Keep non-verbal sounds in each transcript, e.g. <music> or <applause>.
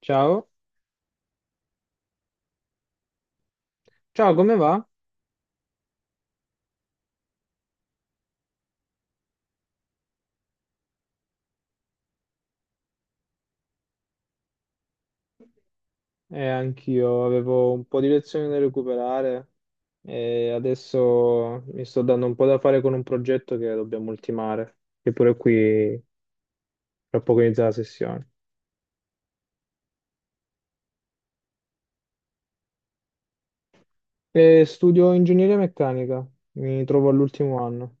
Ciao, ciao, come va? Anch'io avevo un po' di lezioni da recuperare e adesso mi sto dando un po' da fare con un progetto che dobbiamo ultimare, che pure qui tra poco inizia la sessione. Studio ingegneria meccanica, mi trovo all'ultimo anno.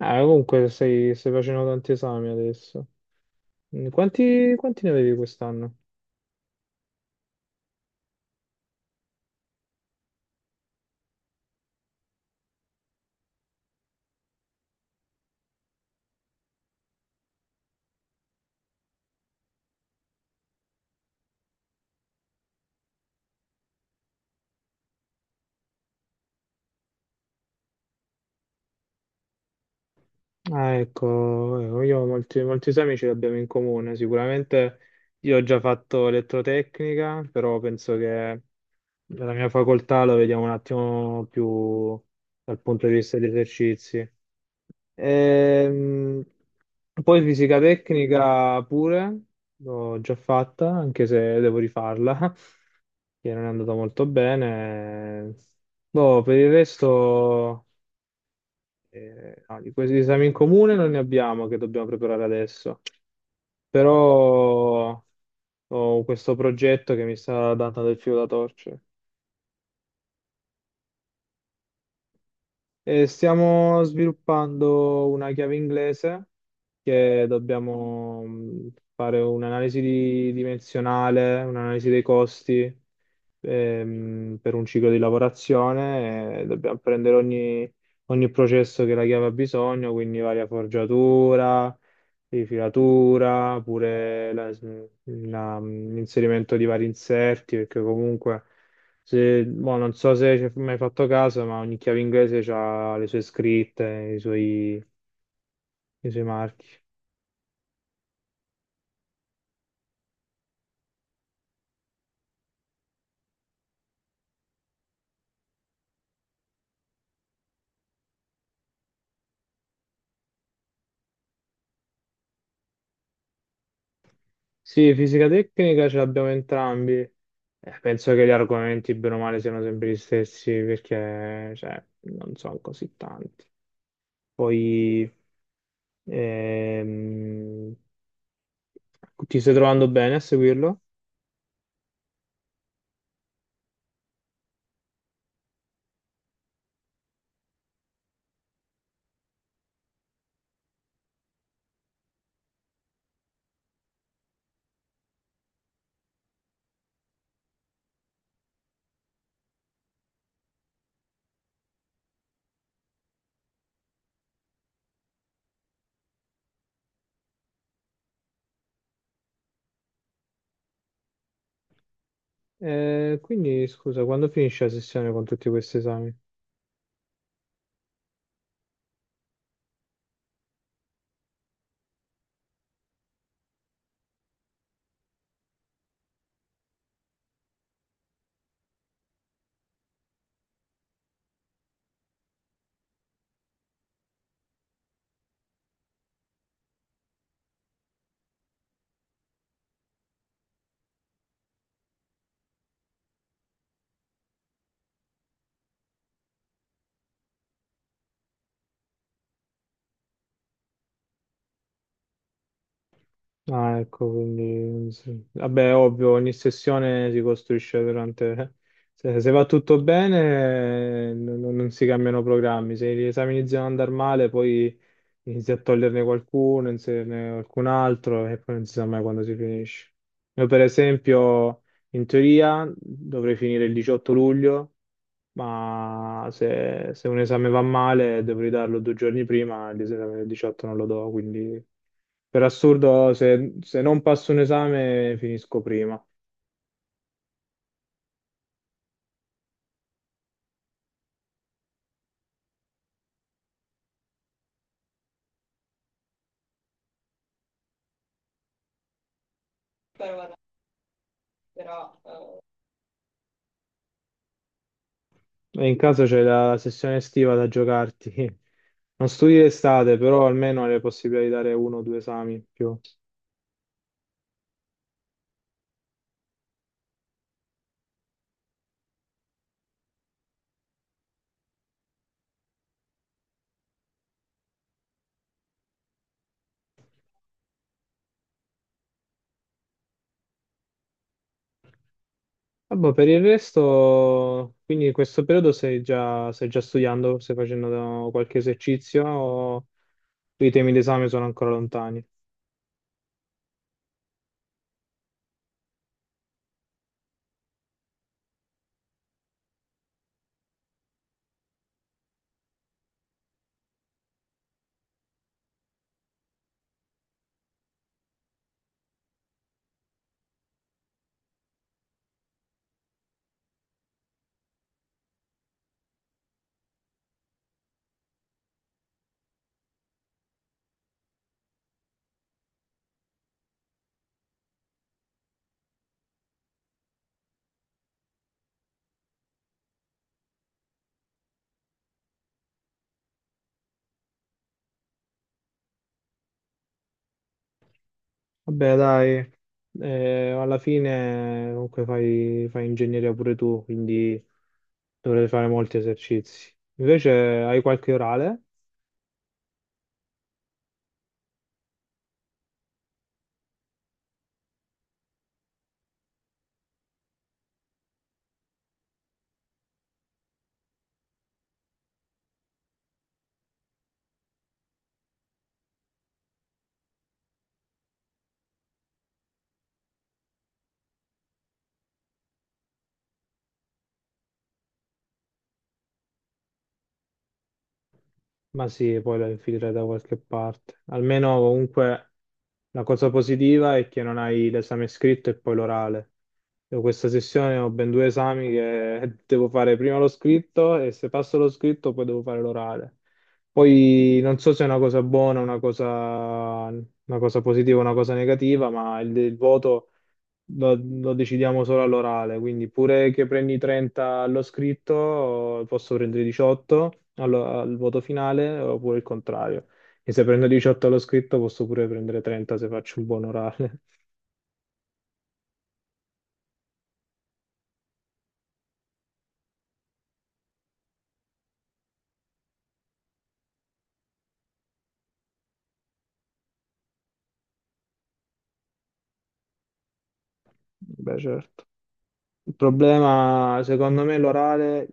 Ah, comunque stai facendo tanti esami adesso. Quanti, quanti ne avevi quest'anno? Ah, ecco, ecco, io ho molti esami ce li abbiamo in comune. Sicuramente io ho già fatto elettrotecnica, però penso che nella mia facoltà lo vediamo un attimo più dal punto di vista degli esercizi. Ehm, Poi fisica tecnica pure, l'ho già fatta, anche se devo rifarla, <laughs> che non è andata molto bene. Boh, per il resto. No, di questi esami in comune non ne abbiamo che dobbiamo preparare adesso, però ho questo progetto che mi sta dando del filo da torcere. E stiamo sviluppando una chiave inglese che dobbiamo fare dimensionale, un'analisi dei costi per un ciclo di lavorazione, dobbiamo prendere ogni processo che la chiave ha bisogno, quindi varia forgiatura, rifilatura, l'inserimento di vari inserti, perché comunque, se, boh, non so se ci hai mai fatto caso, ma ogni chiave inglese ha le sue scritte, i suoi marchi. Sì, fisica tecnica ce l'abbiamo entrambi. Penso che gli argomenti, bene o male, siano sempre gli stessi perché, cioè, non sono così tanti. Poi ehm, ti stai trovando bene a seguirlo? Quindi, scusa, quando finisce la sessione con tutti questi esami? Ah, ecco, quindi sì. Vabbè, ovvio, ogni sessione si costruisce durante... <laughs> Se va tutto bene, non si cambiano programmi. Se gli esami iniziano ad andare male, poi inizi a toglierne qualcuno, inserirne qualcun altro e poi non si sa mai quando si finisce. Io, per esempio, in teoria dovrei finire il 18 luglio, ma se un esame va male dovrei darlo due giorni prima, l'esame del 18 non lo do, quindi per assurdo se non passo un esame finisco prima. E in caso c'è la sessione estiva da giocarti. <laughs> Non studi l'estate, però almeno hai la possibilità di dare uno o due esami in più. Vabbè, per il resto, quindi in questo periodo stai già studiando, stai qualche esercizio o i temi d'esame sono ancora lontani? Vabbè, dai, alla fine comunque fai ingegneria pure tu, quindi dovrai fare molti esercizi. Invece hai qualche orale? Ma sì, poi la infilerai da qualche parte. Almeno comunque la cosa positiva è che non hai l'esame scritto e poi l'orale. Io questa sessione ho ben due esami che <laughs> devo fare prima lo scritto e se passo lo scritto poi devo fare l'orale. Poi non so se è una cosa buona, una cosa positiva, o una cosa negativa, ma il voto lo decidiamo solo all'orale, quindi pure che prendi 30 allo scritto, posso prendere 18 al voto finale oppure il contrario. E se prendo 18 allo scritto posso pure prendere 30 se faccio un buon orale. <laughs> Beh, certo. Il problema, secondo me, l'orale,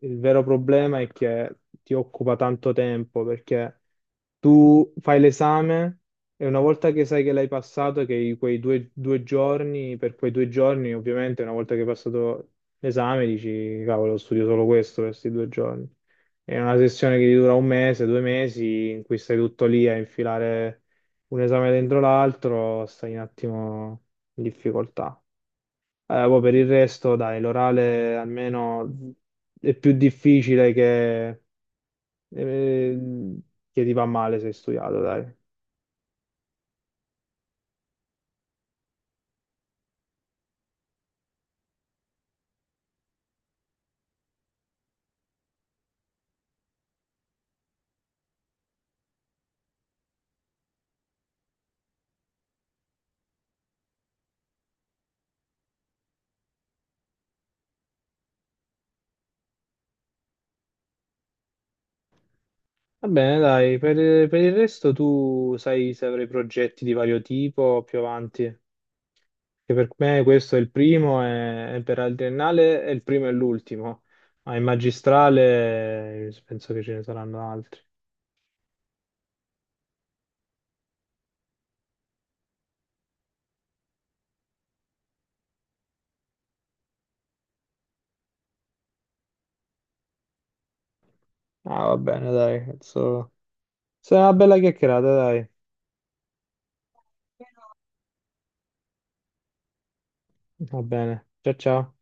il vero problema è che ti occupa tanto tempo perché tu fai l'esame e una volta che sai che l'hai passato, che quei due giorni, per quei due giorni, ovviamente, una volta che hai passato l'esame, dici, cavolo, studio solo questo per questi due giorni. È una sessione che ti dura un mese, due mesi, in cui stai tutto lì a infilare un esame dentro l'altro, stai un attimo in difficoltà. Poi per il resto, dai, l'orale almeno è più difficile eh, che ti va male se hai studiato, dai. Va bene, dai, per il resto tu sai se avrai progetti di vario tipo più avanti, che per me questo è il primo e per la triennale è il primo e l'ultimo, ma in magistrale penso che ce ne saranno altri. Ah, va bene, dai, penso... Sarà una bella chiacchierata, dai. Va bene, ciao ciao.